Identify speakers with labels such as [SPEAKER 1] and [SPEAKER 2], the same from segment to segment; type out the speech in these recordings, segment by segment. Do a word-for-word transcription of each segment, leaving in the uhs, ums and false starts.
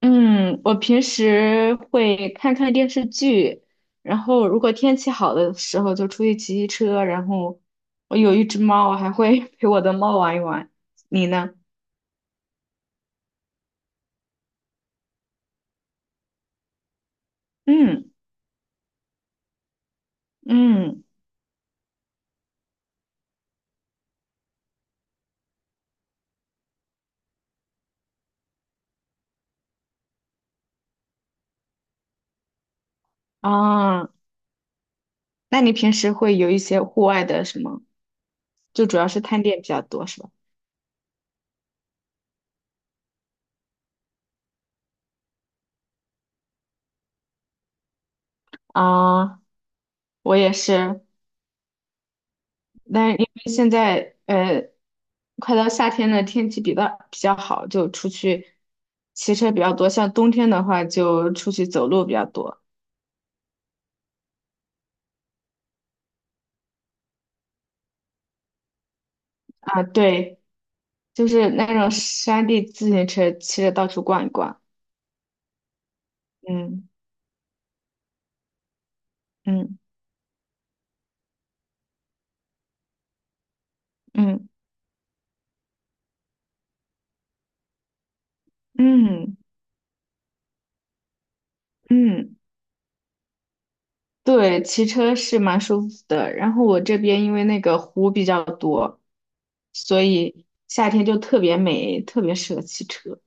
[SPEAKER 1] 嗯，我平时会看看电视剧，然后如果天气好的时候就出去骑骑车，然后我有一只猫，我还会 陪我的猫玩一玩。你呢？嗯嗯啊，那你平时会有一些户外的什么？就主要是探店比较多是吧？啊，我也是，但是因为现在呃，快到夏天了，天气比较比较好，就出去骑车比较多。像冬天的话，就出去走路比较多。啊，对，就是那种山地自行车，骑着到处逛一逛。嗯嗯嗯嗯嗯，对，骑车是蛮舒服的。然后我这边因为那个湖比较多，所以夏天就特别美，特别适合骑车。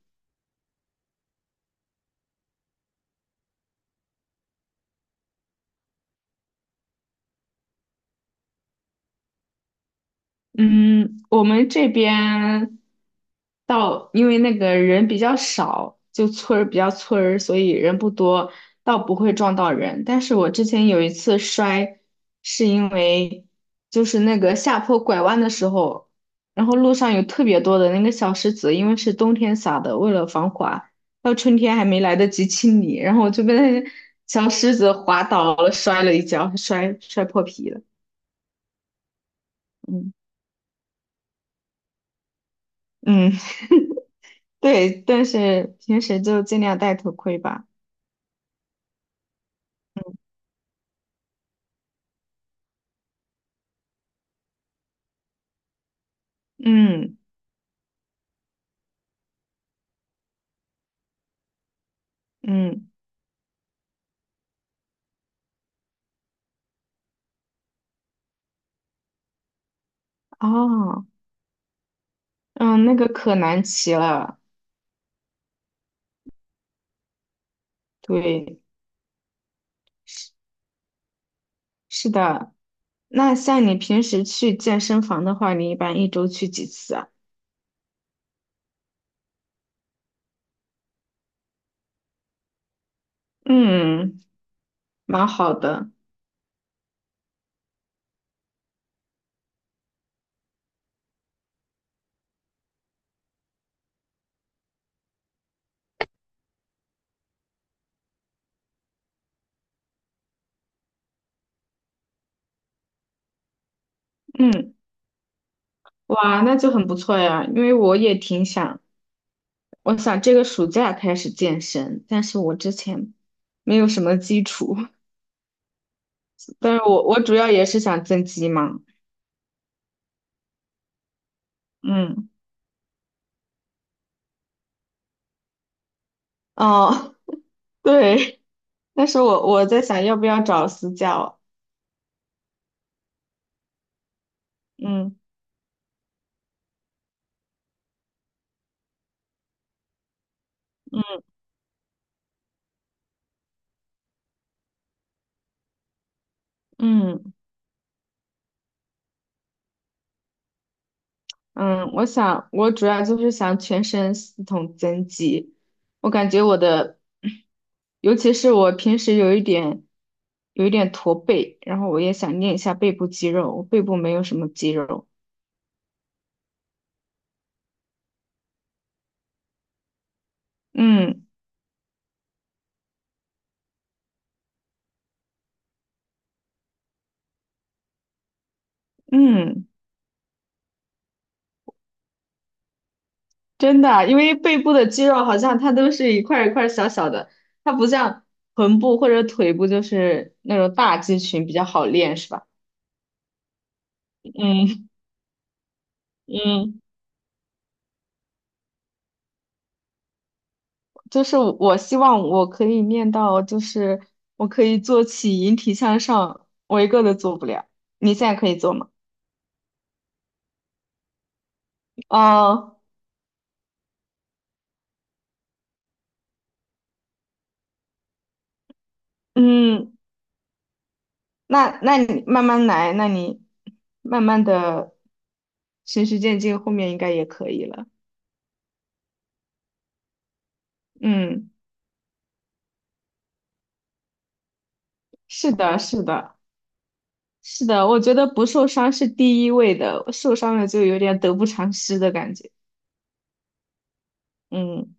[SPEAKER 1] 嗯，我们这边到，因为那个人比较少，就村儿比较村儿，所以人不多，倒不会撞到人。但是我之前有一次摔，是因为就是那个下坡拐弯的时候，然后路上有特别多的那个小石子，因为是冬天撒的，为了防滑，到春天还没来得及清理，然后我就被那小石子滑倒了，摔了一跤，摔摔破皮了。嗯嗯。对，但是平时就尽量戴头盔吧。嗯嗯，哦，嗯，那个可难骑了。对，是的。那像你平时去健身房的话，你一般一周去几次啊？嗯，蛮好的。嗯，哇，那就很不错呀。因为我也挺想，我想这个暑假开始健身，但是我之前没有什么基础。但是我我主要也是想增肌嘛。嗯，哦，对。但是我我在想要不要找私教。嗯嗯嗯，嗯，我想我主要就是想全身系统增肌，我感觉我的，尤其是我平时有一点有一点驼背，然后我也想练一下背部肌肉，我背部没有什么肌肉。嗯嗯，真的，因为背部的肌肉好像它都是一块儿一块儿小小的，它不像臀部或者腿部就是那种大肌群比较好练，是吧？嗯嗯。就是我希望我可以念到，就是我可以做起引体向上，我一个都做不了。你现在可以做吗？哦，嗯，那那你慢慢来，那你慢慢的循序渐进，后面应该也可以了。嗯，是的，是的，是的，我觉得不受伤是第一位的，受伤了就有点得不偿失的感觉。嗯，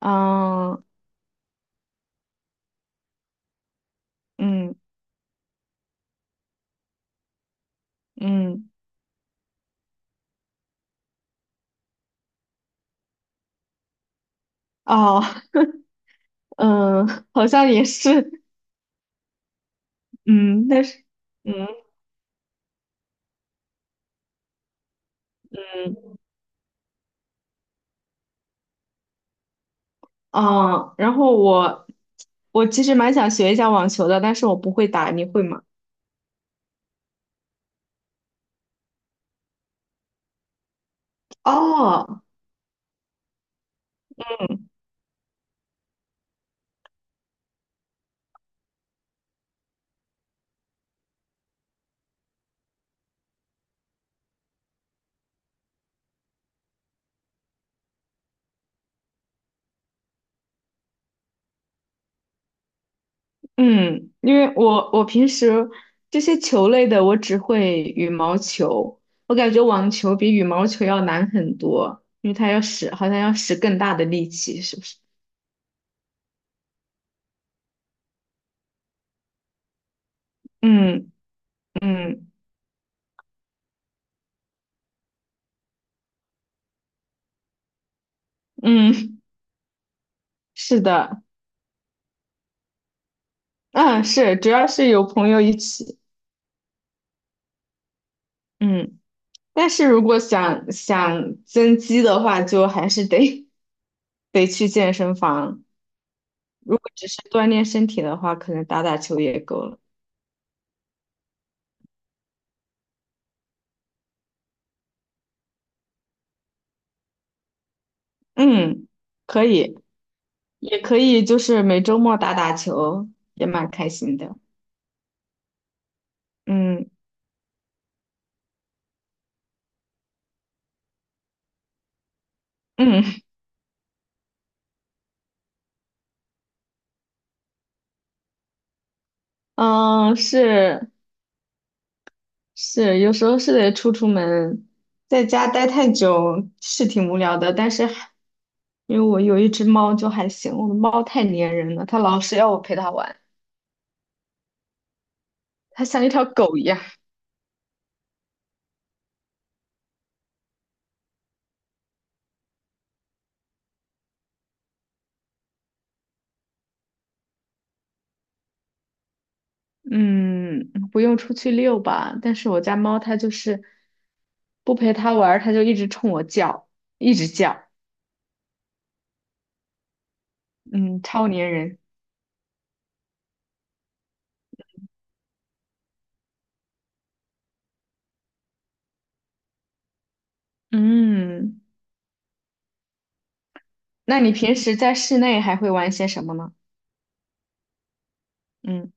[SPEAKER 1] 啊，嗯，嗯，哦，嗯，好像也是。嗯，但是，嗯嗯啊，然后我我其实蛮想学一下网球的，但是我不会打，你会吗？哦，嗯嗯，因为我我平时这些球类的，我只会羽毛球，我感觉网球比羽毛球要难很多，因为它要使好像要使更大的力气，是不是？嗯嗯嗯，是的，嗯是，主要是有朋友一起。嗯。但是如果想想增肌的话，就还是得得去健身房。如果只是锻炼身体的话，可能打打球也够了。嗯，可以，也可以，就是每周末打打球，也蛮开心的。嗯嗯 嗯，呃是是，有时候是得出出门，在家待太久是挺无聊的，但是还因为我有一只猫就还行，我的猫太粘人了，它老是要我陪它玩。它像一条狗一样。嗯，不用出去遛吧，但是我家猫它就是不陪它玩儿，它就一直冲我叫，一直叫。嗯，超粘人。嗯，那你平时在室内还会玩些什么呢？嗯，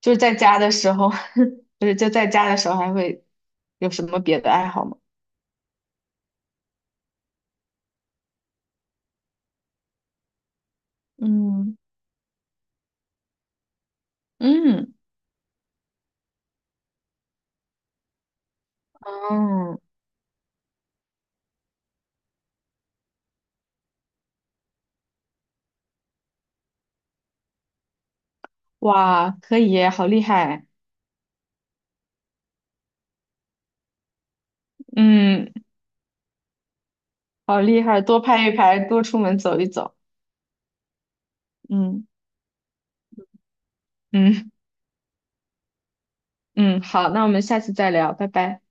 [SPEAKER 1] 就是在家的时候，不是就在家的时候还会有什么别的爱好吗？嗯嗯嗯，哇，可以耶好厉害，嗯，好厉害，多拍一拍，多出门走一走。嗯嗯。嗯，好，那我们下次再聊，拜拜。